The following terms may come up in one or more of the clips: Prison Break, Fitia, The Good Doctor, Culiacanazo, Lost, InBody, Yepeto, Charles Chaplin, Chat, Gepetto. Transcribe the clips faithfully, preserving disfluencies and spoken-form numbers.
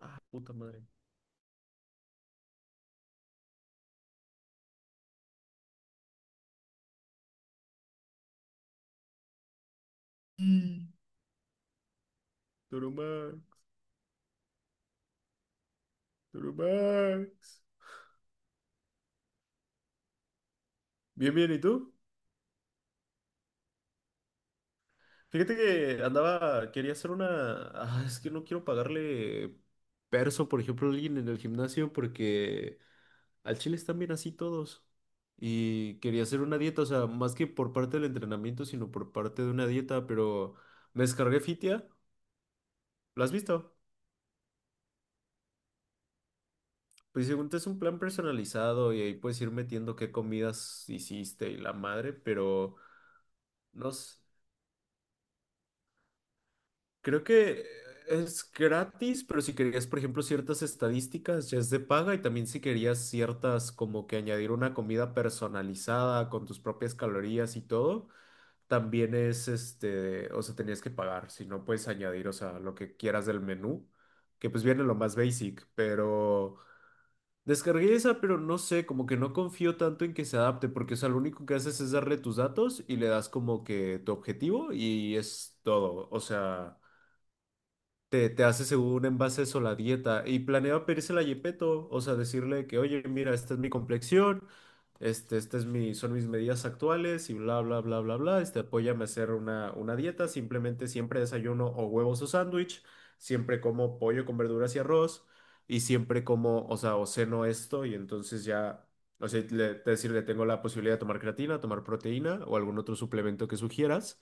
Ah, puta madre. Mm. Durumax, Durumax. Bien, bien, ¿y tú? Fíjate que andaba, quería hacer una... Ah, es que no quiero pagarle perso, por ejemplo, a alguien en el gimnasio porque al chile están bien así todos. Y quería hacer una dieta, o sea, más que por parte del entrenamiento, sino por parte de una dieta, pero me descargué Fitia, ¿lo has visto? Pues según te es un plan personalizado y ahí puedes ir metiendo qué comidas hiciste y la madre, pero... No sé. Creo que es gratis, pero si querías, por ejemplo, ciertas estadísticas, ya es de paga y también si querías ciertas, como que añadir una comida personalizada con tus propias calorías y todo, también es este, o sea, tenías que pagar, si no puedes añadir, o sea, lo que quieras del menú, que pues viene lo más basic, pero descargué esa, pero no sé, como que no confío tanto en que se adapte, porque, o sea, lo único que haces es darle tus datos y le das como que tu objetivo y es todo, o sea te, te hace según en base a eso la dieta y planeaba pedírsela a Gepetto, o sea, decirle que, oye, mira, esta es mi complexión, este, esta es mi, son mis medidas actuales y bla, bla, bla, bla, bla, este, apóyame a hacer una, una dieta, simplemente siempre desayuno o huevos o sándwich, siempre como pollo con verduras y arroz y siempre como, o sea, o ceno esto y entonces ya... O sea, le, decirle, tengo la posibilidad de tomar creatina, tomar proteína o algún otro suplemento que sugieras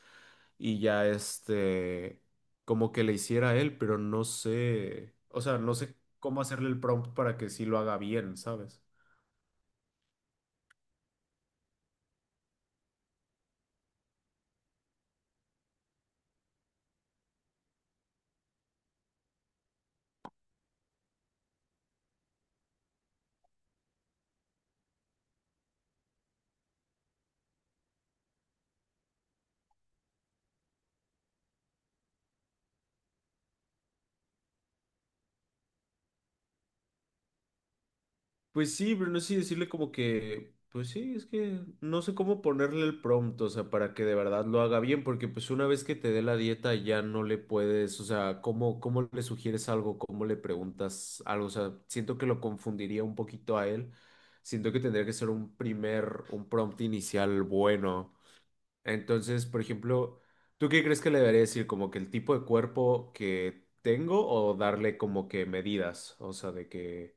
y ya este, como que le hiciera a él, pero no sé, o sea, no sé cómo hacerle el prompt para que sí lo haga bien, ¿sabes? Pues sí, pero no sé si decirle como que, pues sí, es que no sé cómo ponerle el prompt, o sea, para que de verdad lo haga bien, porque pues una vez que te dé la dieta ya no le puedes, o sea, ¿cómo, cómo le sugieres algo? ¿Cómo le preguntas algo? O sea, siento que lo confundiría un poquito a él. Siento que tendría que ser un primer, un prompt inicial bueno. Entonces, por ejemplo, ¿tú qué crees que le debería decir? ¿Como que el tipo de cuerpo que tengo o darle como que medidas? O sea, de que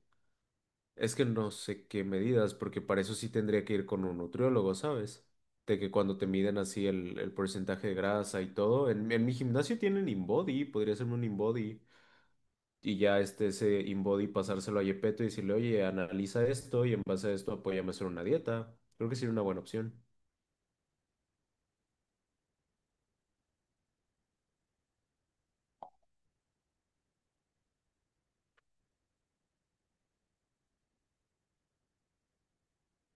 es que no sé qué medidas, porque para eso sí tendría que ir con un nutriólogo, ¿sabes? De que cuando te miden así el, el porcentaje de grasa y todo, en, en mi gimnasio tienen InBody, podría hacerme un InBody y ya este, ese InBody pasárselo a Yepeto y decirle, oye, analiza esto y en base a esto apóyame a hacer una dieta. Creo que sería una buena opción.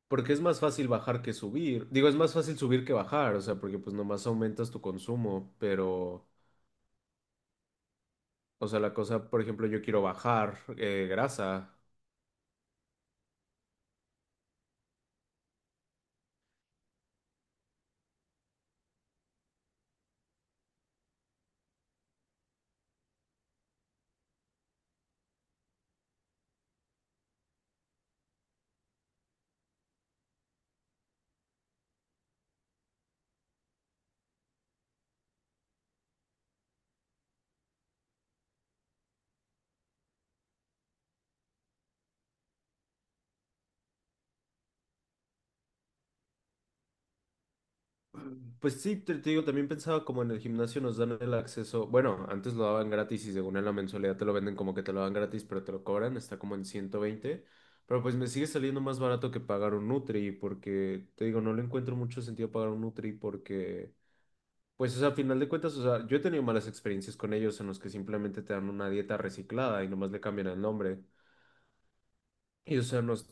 Porque es más fácil bajar que subir. Digo, es más fácil subir que bajar, o sea, porque pues nomás aumentas tu consumo, pero, o sea, la cosa, por ejemplo, yo quiero bajar eh, grasa. Pues sí, te, te digo, también pensaba como en el gimnasio nos dan el acceso, bueno, antes lo daban gratis y según en la mensualidad te lo venden como que te lo dan gratis, pero te lo cobran, está como en ciento veinte. Pero pues me sigue saliendo más barato que pagar un Nutri, porque te digo, no le encuentro mucho sentido pagar un Nutri porque... Pues, o sea, a final de cuentas, o sea, yo he tenido malas experiencias con ellos en los que simplemente te dan una dieta reciclada y nomás le cambian el nombre. Y, o sea, nos...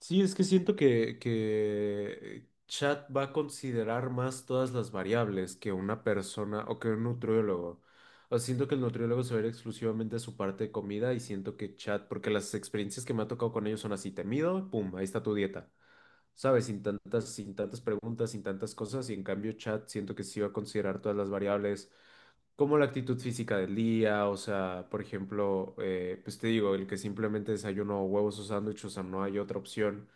Sí, es que siento que, que Chat va a considerar más todas las variables que una persona o que un nutriólogo. O sea, siento que el nutriólogo se va a ir exclusivamente a su parte de comida y siento que Chat, porque las experiencias que me ha tocado con ellos son así, te mido, pum, ahí está tu dieta. ¿Sabes? Sin tantas, sin tantas preguntas, sin tantas cosas. Y en cambio, Chat siento que sí va a considerar todas las variables como la actitud física del día, o sea, por ejemplo, eh, pues te digo, el que simplemente desayuno huevos o sándwiches, o sea, no hay otra opción,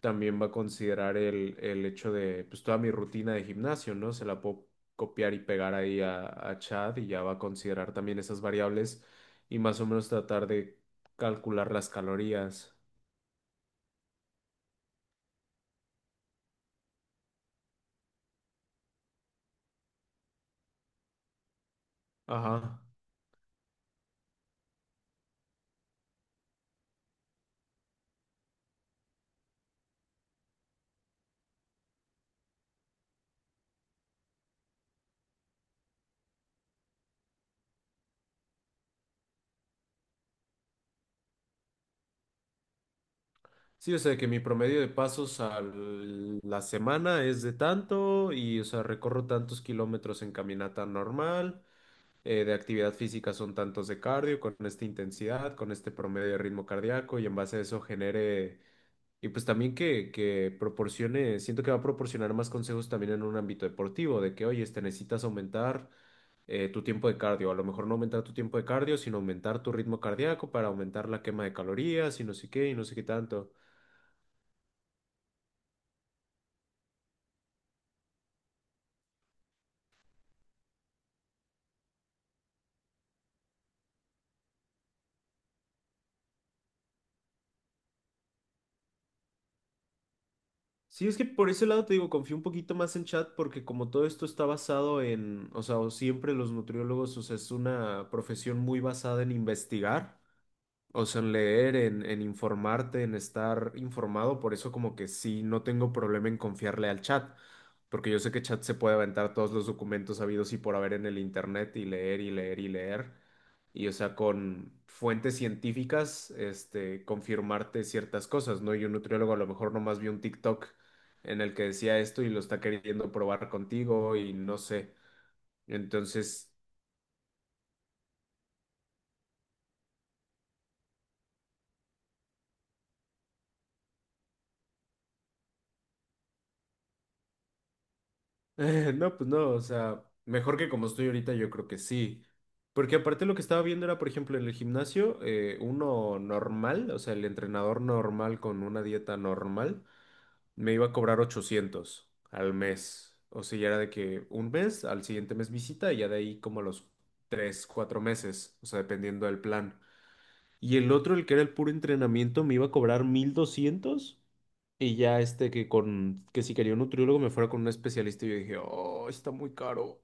también va a considerar el, el hecho de, pues toda mi rutina de gimnasio, ¿no? Se la puedo copiar y pegar ahí a, a Chad y ya va a considerar también esas variables y más o menos tratar de calcular las calorías. Ajá. Sí, o sea que mi promedio de pasos a la semana es de tanto y, o sea, recorro tantos kilómetros en caminata normal eh, de actividad física son tantos de cardio, con esta intensidad, con este promedio de ritmo cardíaco y en base a eso genere, y pues también que, que proporcione, siento que va a proporcionar más consejos también en un ámbito deportivo, de que, oye, te necesitas aumentar eh, tu tiempo de cardio, a lo mejor no aumentar tu tiempo de cardio, sino aumentar tu ritmo cardíaco para aumentar la quema de calorías y no sé qué, y no sé qué tanto. Sí, es que por ese lado te digo, confío un poquito más en chat porque como todo esto está basado en, o sea, o siempre los nutriólogos, o sea, es una profesión muy basada en investigar, o sea, en leer, en, en informarte, en estar informado, por eso como que sí, no tengo problema en confiarle al chat, porque yo sé que chat se puede aventar todos los documentos habidos y por haber en el internet y leer y leer y leer y, o sea, con fuentes científicas, este, confirmarte ciertas cosas, ¿no? Y un nutriólogo a lo mejor nomás vio un TikTok en el que decía esto y lo está queriendo probar contigo y no sé. Entonces, no, pues no, o sea, mejor que como estoy ahorita, yo creo que sí. Porque aparte lo que estaba viendo era, por ejemplo, en el gimnasio, eh, uno normal, o sea, el entrenador normal con una dieta normal me iba a cobrar ochocientos al mes. O sea, ya era de que un mes, al siguiente mes visita y ya de ahí como a los tres cuatro meses, o sea, dependiendo del plan. Y el otro, el que era el puro entrenamiento, me iba a cobrar mil doscientos y ya este que con que si quería un nutriólogo me fuera con un especialista y yo dije, "Oh, está muy caro."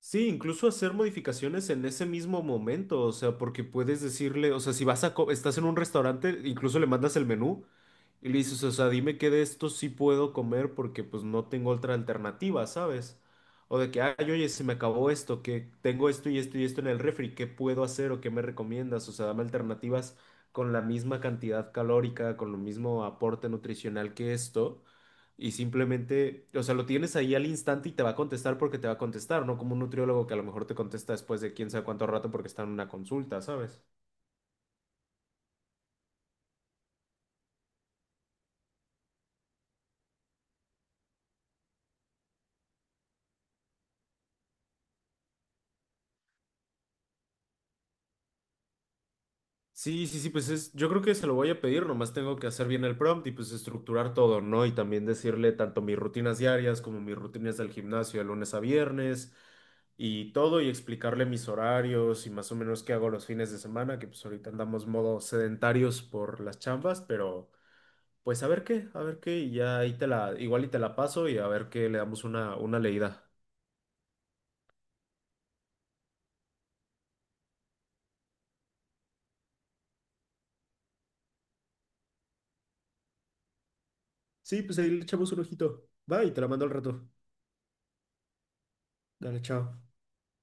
Sí, incluso hacer modificaciones en ese mismo momento, o sea, porque puedes decirle, o sea, si vas a, co- estás en un restaurante, incluso le mandas el menú y le dices, o sea, dime qué de esto sí puedo comer porque pues no tengo otra alternativa, ¿sabes? O de que, ay, oye, se me acabó esto, que tengo esto y esto y esto en el refri, ¿qué puedo hacer o qué me recomiendas? O sea, dame alternativas con la misma cantidad calórica, con lo mismo aporte nutricional que esto y simplemente, o sea, lo tienes ahí al instante y te va a contestar porque te va a contestar, no como un nutriólogo que a lo mejor te contesta después de quién sabe cuánto rato porque está en una consulta, ¿sabes? Sí, sí, sí, pues es, yo creo que se lo voy a pedir, nomás tengo que hacer bien el prompt y pues estructurar todo, ¿no? Y también decirle tanto mis rutinas diarias como mis rutinas del gimnasio de lunes a viernes y todo y explicarle mis horarios y más o menos qué hago los fines de semana, que pues ahorita andamos modo sedentarios por las chambas, pero... Pues a ver qué, a ver qué, y ya ahí te la, igual y te la paso y a ver qué le damos una, una leída. Sí, pues ahí le echamos un ojito. Va y te la mando al rato. Dale, chao.